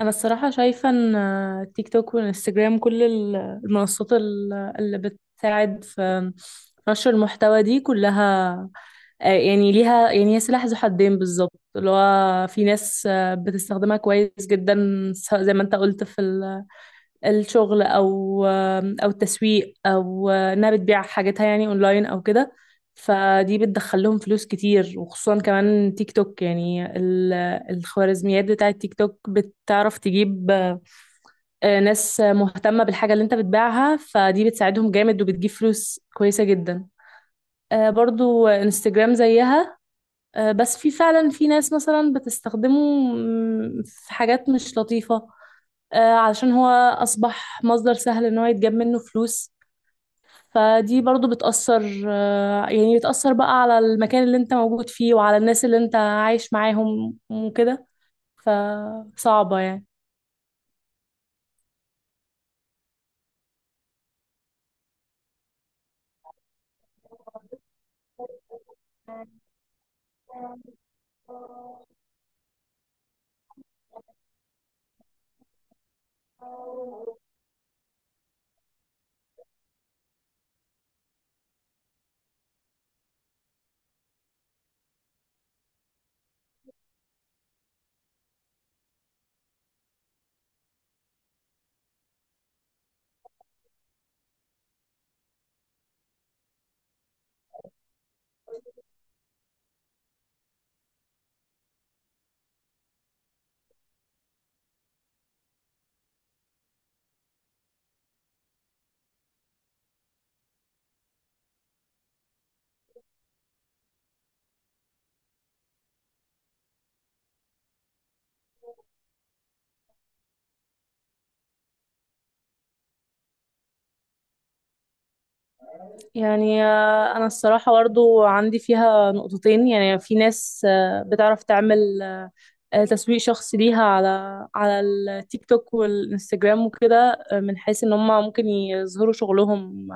انا الصراحه شايفه ان تيك توك والانستجرام، كل المنصات اللي بتساعد في نشر المحتوى دي كلها، يعني ليها، يعني هي سلاح ذو حدين بالظبط. اللي هو في ناس بتستخدمها كويس جدا، سواء زي ما انت قلت في الشغل او التسويق، او انها بتبيع حاجاتها يعني اونلاين او كده. فدي بتدخل لهم فلوس كتير، وخصوصا كمان تيك توك، يعني الخوارزميات بتاعة تيك توك بتعرف تجيب ناس مهتمة بالحاجة اللي انت بتبيعها، فدي بتساعدهم جامد وبتجيب فلوس كويسة جدا. برضو انستجرام زيها. بس في فعلا في ناس مثلا بتستخدمه، في حاجات مش لطيفة. علشان هو أصبح مصدر سهل إن هو يتجاب منه فلوس. فدي برضو بتأثر، يعني بتأثر بقى على المكان اللي انت موجود فيه وعلى الناس اللي انت عايش معاهم وكده. فصعبة يعني، أنا الصراحة برضو عندي فيها نقطتين. يعني في ناس بتعرف تعمل تسويق شخصي ليها على التيك توك والانستجرام وكده، من حيث ان هم ممكن يظهروا شغلهم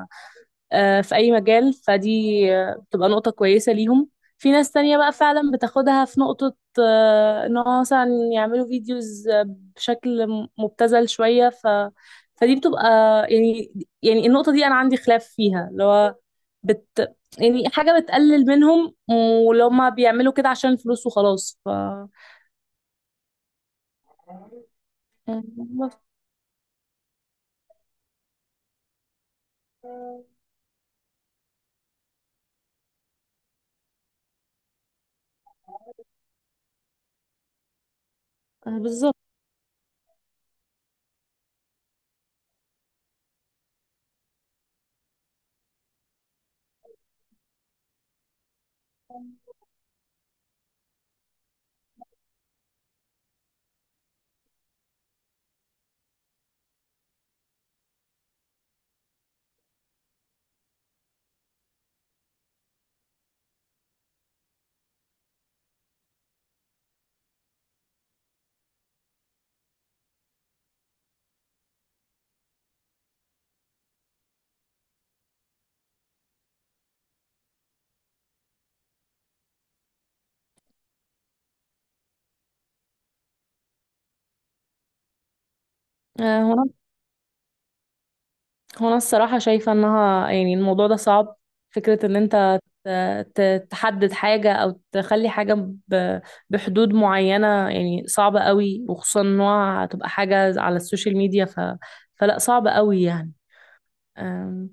في أي مجال. فدي بتبقى نقطة كويسة ليهم. في ناس تانية بقى فعلا بتاخدها في نقطة، إن هو مثلا يعملوا فيديوز بشكل مبتذل شوية، فدي بتبقى يعني يعني النقطة دي أنا عندي خلاف فيها، اللي هو بت يعني حاجة بتقلل منهم، ولو هما بيعملوا كده عشان الفلوس وخلاص. بس- بالظبط. آه، هو هو انا الصراحة شايفة انها يعني الموضوع ده صعب. فكرة ان انت ت- تحدد حاجة او تخلي حاجة ب- بحدود معينة، يعني صعبة قوي، وخصوصا انها هتبقى حاجة على السوشيال ميديا، فلا، صعب قوي يعني. أم،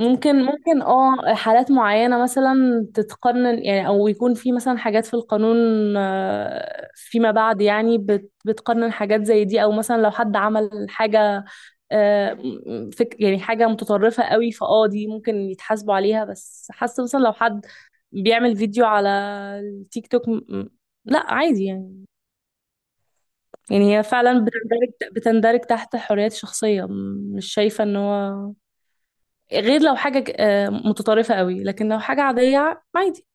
ممكن حالات معينة مثلا تتقنن، يعني، او يكون في مثلا حاجات في القانون فيما بعد، يعني بتقنن حاجات زي دي. او مثلا لو حد عمل حاجة آه، فك يعني حاجة متطرفة قوي، دي ممكن يتحاسبوا عليها. بس حاسة مثلا لو حد بيعمل فيديو على التيك توك لا، عادي يعني. يعني هي فعلا بتندرج تحت الحريات الشخصية. مش شايفة ان هو، غير لو حاجة متطرفة قوي، لكن لو حاجة عادية، عادي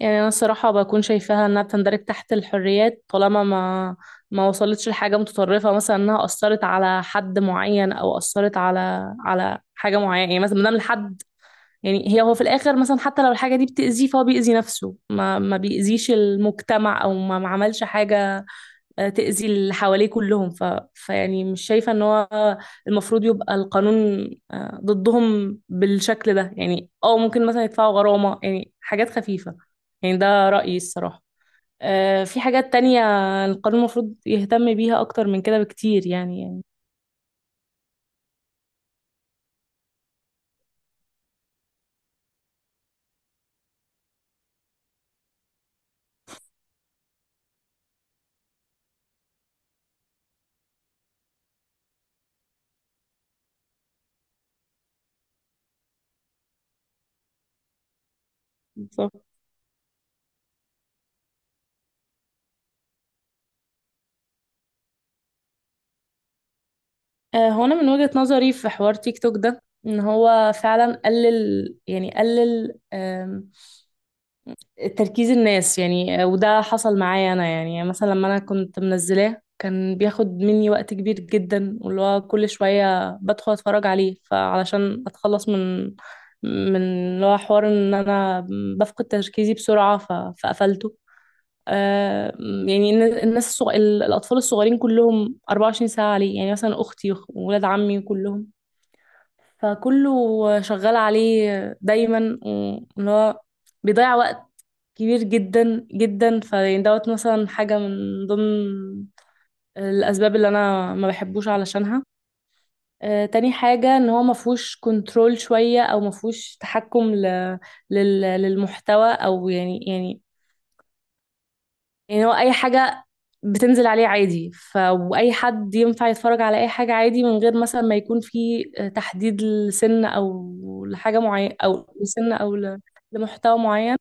يعني. انا الصراحه بكون شايفاها انها بتندرج تحت الحريات، طالما ما وصلتش لحاجه متطرفه، مثلا انها اثرت على حد معين او اثرت على حاجه معينه، يعني مثلا ما دام الحد، يعني هو في الاخر، مثلا حتى لو الحاجه دي بتاذيه فهو بيأذي نفسه، ما بيأذيش المجتمع، او ما عملش حاجه تأذي اللي حواليه كلهم. فيعني مش شايفة ان هو المفروض يبقى القانون ضدهم بالشكل ده. يعني ممكن مثلا يدفعوا غرامة، يعني حاجات خفيفة، يعني ده رأيي الصراحة. في حاجات تانية القانون المفروض يهتم بيها أكتر من كده بكتير، يعني بالظبط. هو أنا من وجهة نظري في حوار تيك توك ده، إن هو فعلا قلل تركيز الناس. يعني وده حصل معايا انا، يعني مثلا لما انا كنت منزلاه كان بياخد مني وقت كبير جدا، واللي هو كل شوية بدخل اتفرج عليه، فعلشان اتخلص من اللي هو حوار ان انا بفقد تركيزي بسرعة، فقفلته. يعني الناس، الاطفال الصغيرين كلهم 24 ساعة عليه، يعني مثلا اختي واولاد عمي كلهم، فكله شغال عليه دايما، اللي هو بيضيع وقت كبير جدا جدا. فيعني دوت مثلا حاجة من ضمن الأسباب اللي أنا ما بحبوش علشانها. تاني حاجة إن هو مفهوش كنترول شوية، أو مفهوش تحكم للمحتوى، أو يعني هو اي حاجة بتنزل عليه عادي، ف واي حد ينفع يتفرج على اي حاجة عادي، من غير مثلا ما يكون في تحديد لسن، او لحاجة معينة، او لسن، او لمحتوى معين.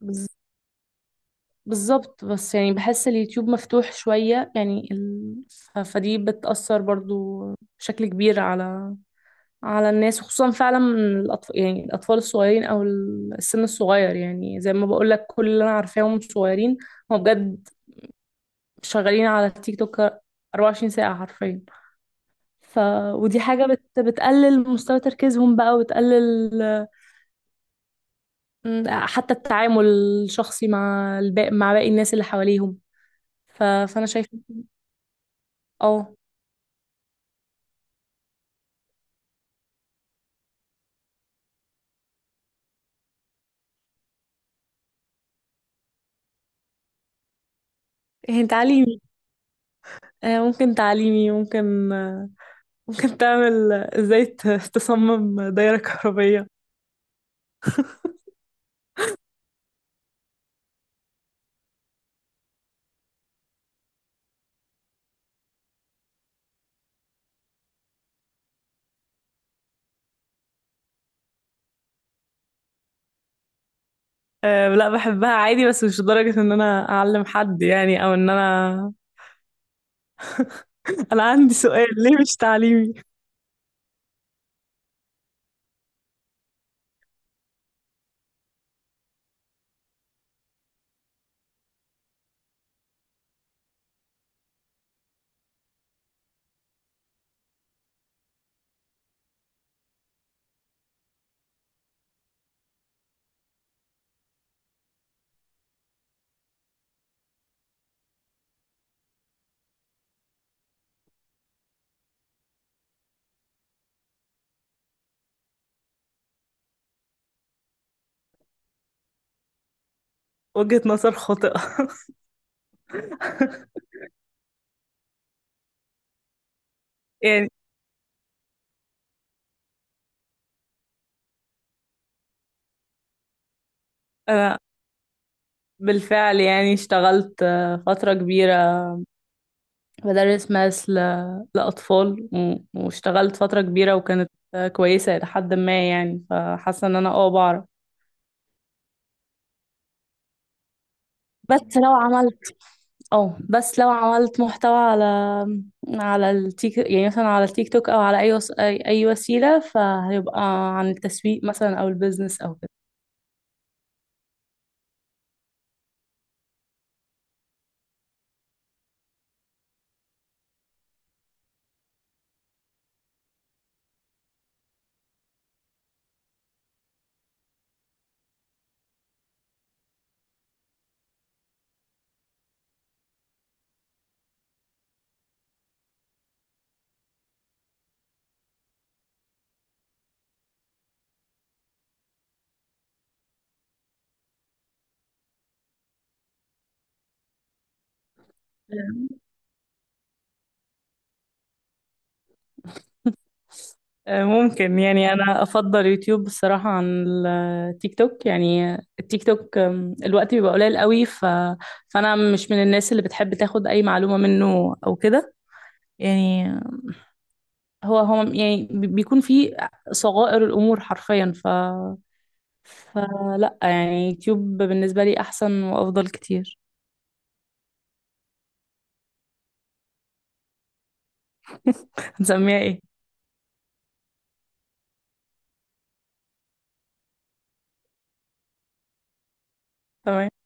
بز- بالظبط. بس يعني بحس اليوتيوب مفتوح شوية، يعني فدي بتأثر برضو بشكل كبير على الناس، خصوصا فعلا من الأطفال، يعني الأطفال الصغيرين أو السن الصغير. يعني زي ما بقول لك، كل اللي أنا عارفاهم صغيرين، هو بجد شغالين على التيك توك 24 ساعة حرفيا. ف ودي حاجة بتقلل مستوى تركيزهم بقى، وتقلل حتى التعامل الشخصي مع باقي الناس اللي حواليهم. فأنا شايفة اه هي تعليمي. ممكن تعليمي، ممكن ممكن تعمل ازاي تصمم دايرة كهربية. أه، لا، بحبها عادي، بس مش لدرجة ان انا اعلم حد يعني، او ان انا انا عندي سؤال ليه مش تعليمي. وجهة نظر خاطئة. يعني، أنا بالفعل، يعني، اشتغلت فترة كبيرة بدرس ماس لأطفال، واشتغلت فترة كبيرة وكانت كويسة إلى حد ما، يعني فحاسة إن أنا بعرف. بس لو عملت اه بس لو عملت محتوى على التيك توك أو على أي وس... أي أي وسيلة، فهيبقى عن التسويق مثلا أو البيزنس أو كده. ممكن. يعني انا افضل يوتيوب بصراحة عن التيك توك. الوقت بيبقى قليل قوي، فانا مش من الناس اللي بتحب تاخد اي معلومة منه او كده. يعني هو، يعني، بيكون فيه صغائر الامور حرفيا. فلا، يعني يوتيوب بالنسبة لي احسن وافضل كتير. هنسميها ايه؟ تمام.